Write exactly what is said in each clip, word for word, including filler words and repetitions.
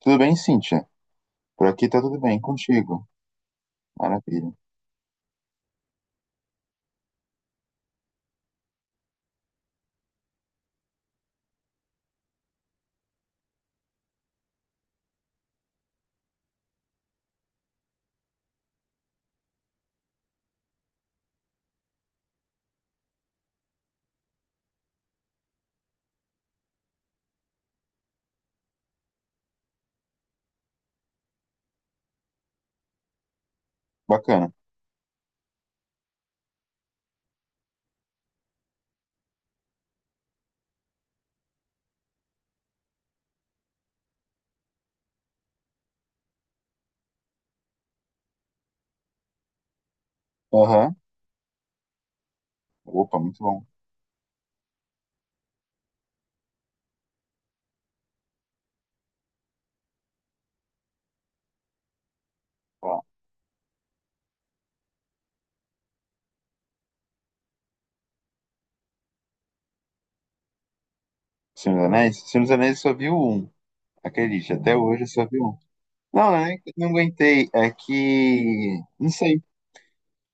Tudo bem, Cíntia? Por aqui tá tudo bem contigo. Maravilha. Bacana. Aham. Opa, muito bom. Ó, Senhor dos Anéis? Senhor dos Anéis só viu um. Acredite, até hoje eu só vi um. Não, não é não aguentei. É que. Não sei.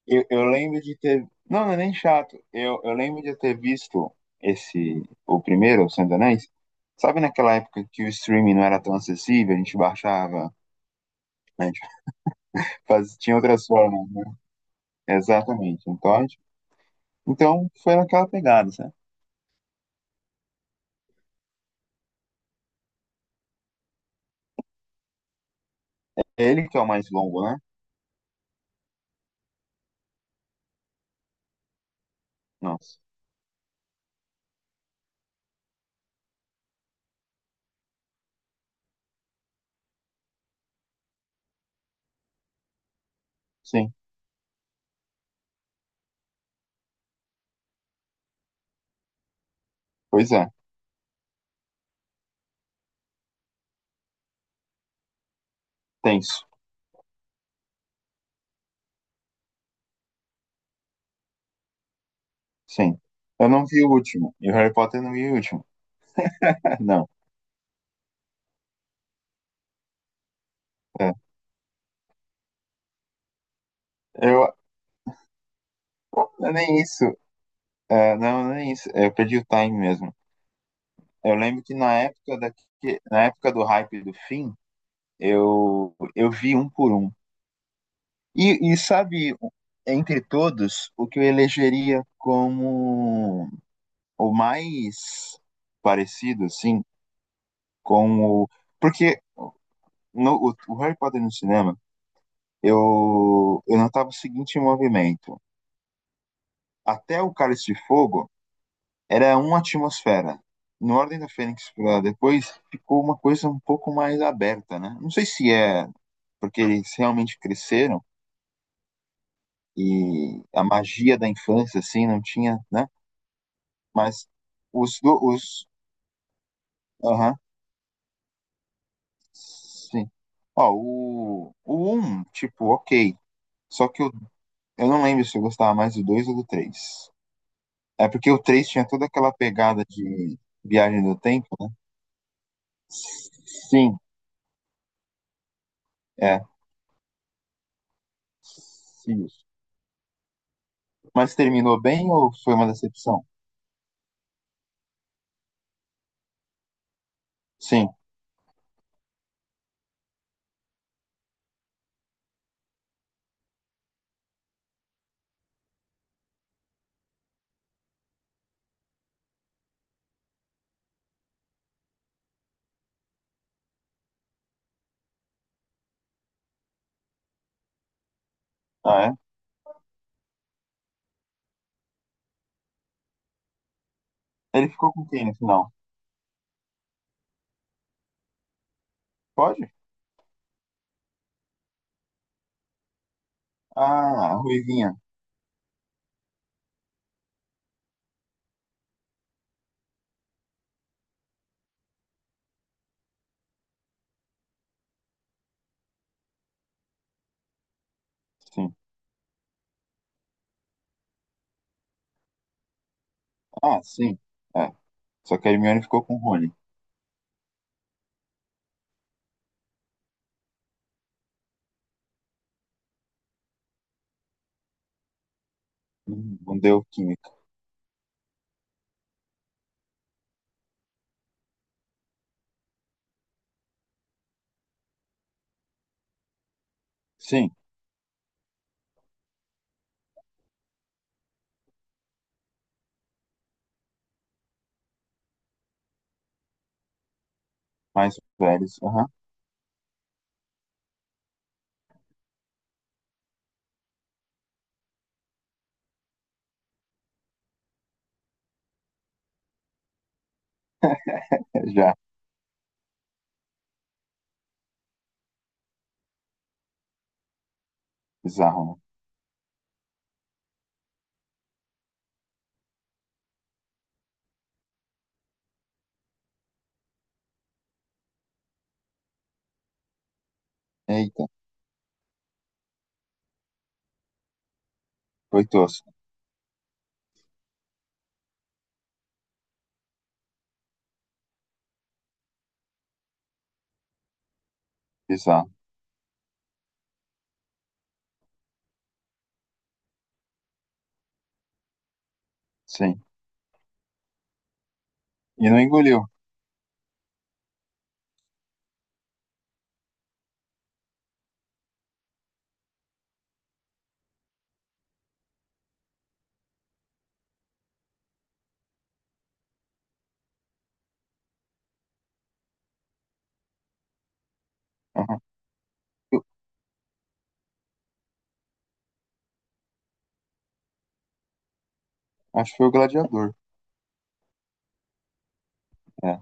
Eu, eu lembro de ter. Não, não é nem chato. Eu, eu lembro de ter visto esse. O primeiro, o Senhor dos Anéis. Sabe naquela época que o streaming não era tão acessível, a gente baixava, né? A gente faz- tinha outras formas. Exatamente. Então, a gente- então foi naquela pegada, sabe? Ele que é o mais longo, né? Nossa. Sim. Pois é. Tenso. Sim. Eu não vi o último. E o Harry Potter não vi o último. Não. É. Eu. Nem isso. É, não, nem isso. Eu perdi o time mesmo. Eu lembro que na época da... que- na época do hype do fim, eu, eu vi um por um. E, e sabe, entre todos, o que eu elegeria como o mais parecido, assim, com o. Porque no, o, o Harry Potter no cinema. Eu, eu notava o seguinte movimento. Até o Cálice de Fogo era uma atmosfera. No Ordem da Fênix pra depois ficou uma coisa um pouco mais aberta, né? Não sei se é porque eles realmente cresceram e a magia da infância, assim, não tinha, né? Mas os... do- os aham, sim. Ó, o, o um, tipo, ok. Só que eu, eu não lembro se eu gostava mais do dois ou do três. É porque o três tinha toda aquela pegada de viagem do tempo, né? Sim, é. Isso. Mas terminou bem ou foi uma decepção? Sim. Ah, é? Ele ficou com quem no final? Pode? Ah, a Ruivinha. Sim. Ah, sim. É. Só que a Hermione ficou com o Rony. Hum, Não deu química. Sim. Mais velhos. Aham. Já. Bizarro, né? Eita. Foi tosco. Bizarro. Sim. E não engoliu. Aham. Eu- Acho que foi o Gladiador. É,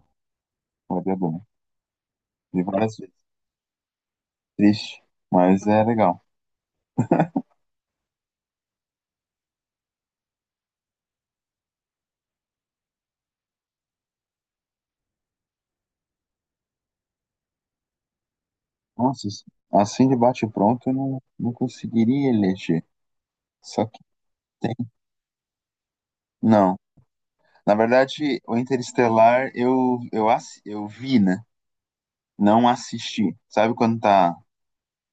Gladiador. Né? Vi várias vezes. Triste, mas é legal. Nossa, assim de bate-pronto eu não, não conseguiria eleger. Só que tem. Não. Na verdade, o Interestelar eu, eu, assi- eu vi, né? Não assisti. Sabe quando tá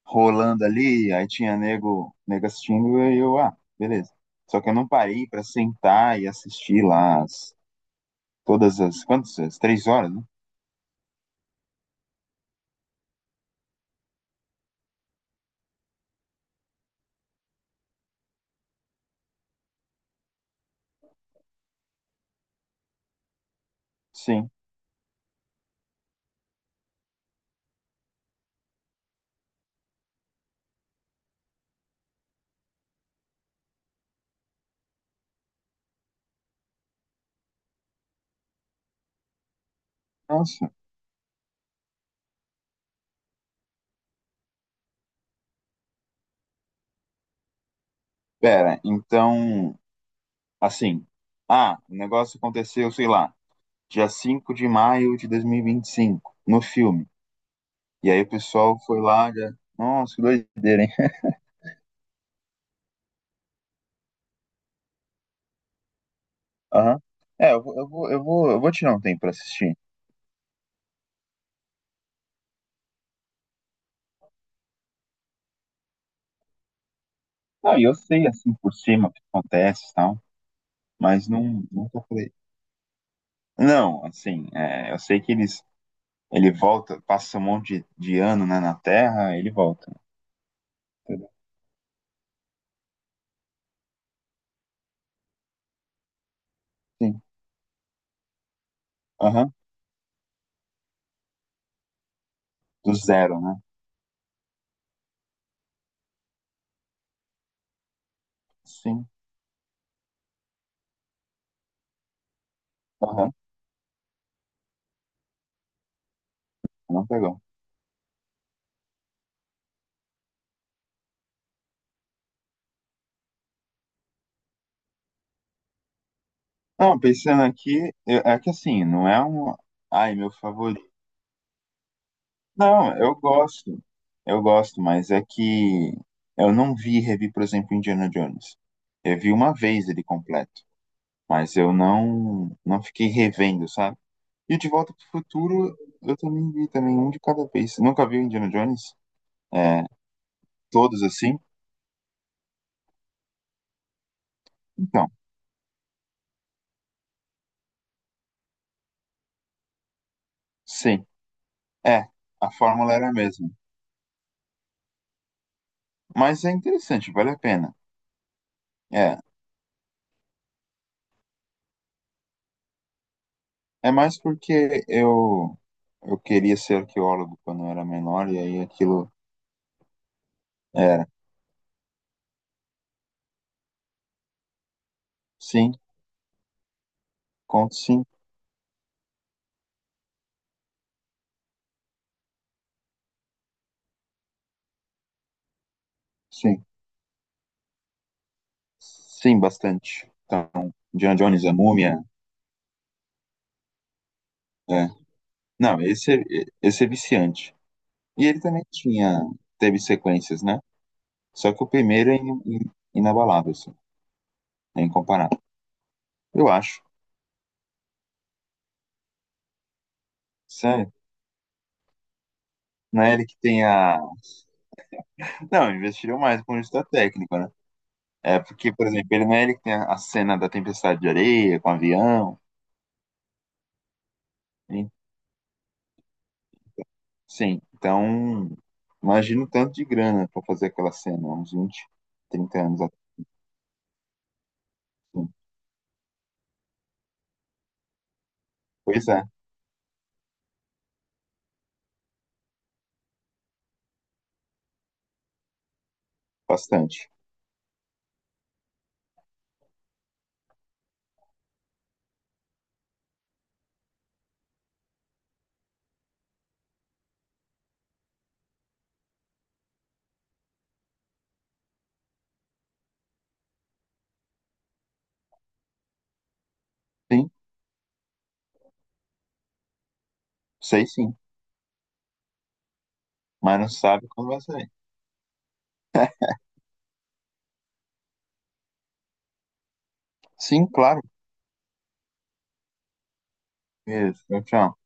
rolando ali, aí tinha nego, nego assistindo e eu, ah, beleza. Só que eu não parei pra sentar e assistir lá as, todas as, quantas? As três horas, né? Sim. Nossa. Pera, então, assim, ah, o negócio aconteceu, sei lá, dia cinco de maio de dois mil e e vinte e cinco no filme. E aí o pessoal foi lá, já... Nossa, que doideira, hein? Aham. É, eu, vou- eu vou, eu vou, eu vou tirar um tempo pra assistir. Não, e eu sei, assim, por cima o que acontece e tal, mas não, nunca falei. Não, assim, é, eu sei que eles, ele volta, passa um monte de, de ano, né, na Terra, ele volta. Entendeu? Sim, aham, do zero, né? Sim, aham, não pegou. Não, pensando aqui, eu- é que assim, não é um, ai, meu favorito. Não, eu gosto. Eu gosto, mas é que eu não vi e revi, por exemplo, Indiana Jones. Eu vi uma vez ele completo, mas eu não não fiquei revendo, sabe? E o De Volta pro Futuro eu também vi também um de cada vez. Nunca vi o Indiana Jones? É, todos assim? Então, sim. É, a fórmula era a mesma. Mas é interessante, vale a pena. É, é mais porque eu eu queria ser arqueólogo quando eu era menor e aí aquilo era. Sim. Conto sim, sim. Sim, bastante. Então, John Jones, a Múmia. É. Não, esse é, esse é viciante. E ele também tinha, teve sequências, né? Só que o primeiro é in- in- inabalável, assim. É incomparável. Eu acho. Sério. Não é ele que tem a. Não, investiram mais com isso da técnica, né? É porque, por exemplo, ele não é ele que tem a a cena da tempestade de areia com o avião. Hein? Sim, então imagina o tanto de grana pra fazer aquela cena, uns vinte, trinta anos atrás. Pois é, bastante. Sim, sei sim, mas não sabe quando vai sair. Sim, claro. Isso, tchau. Tchau.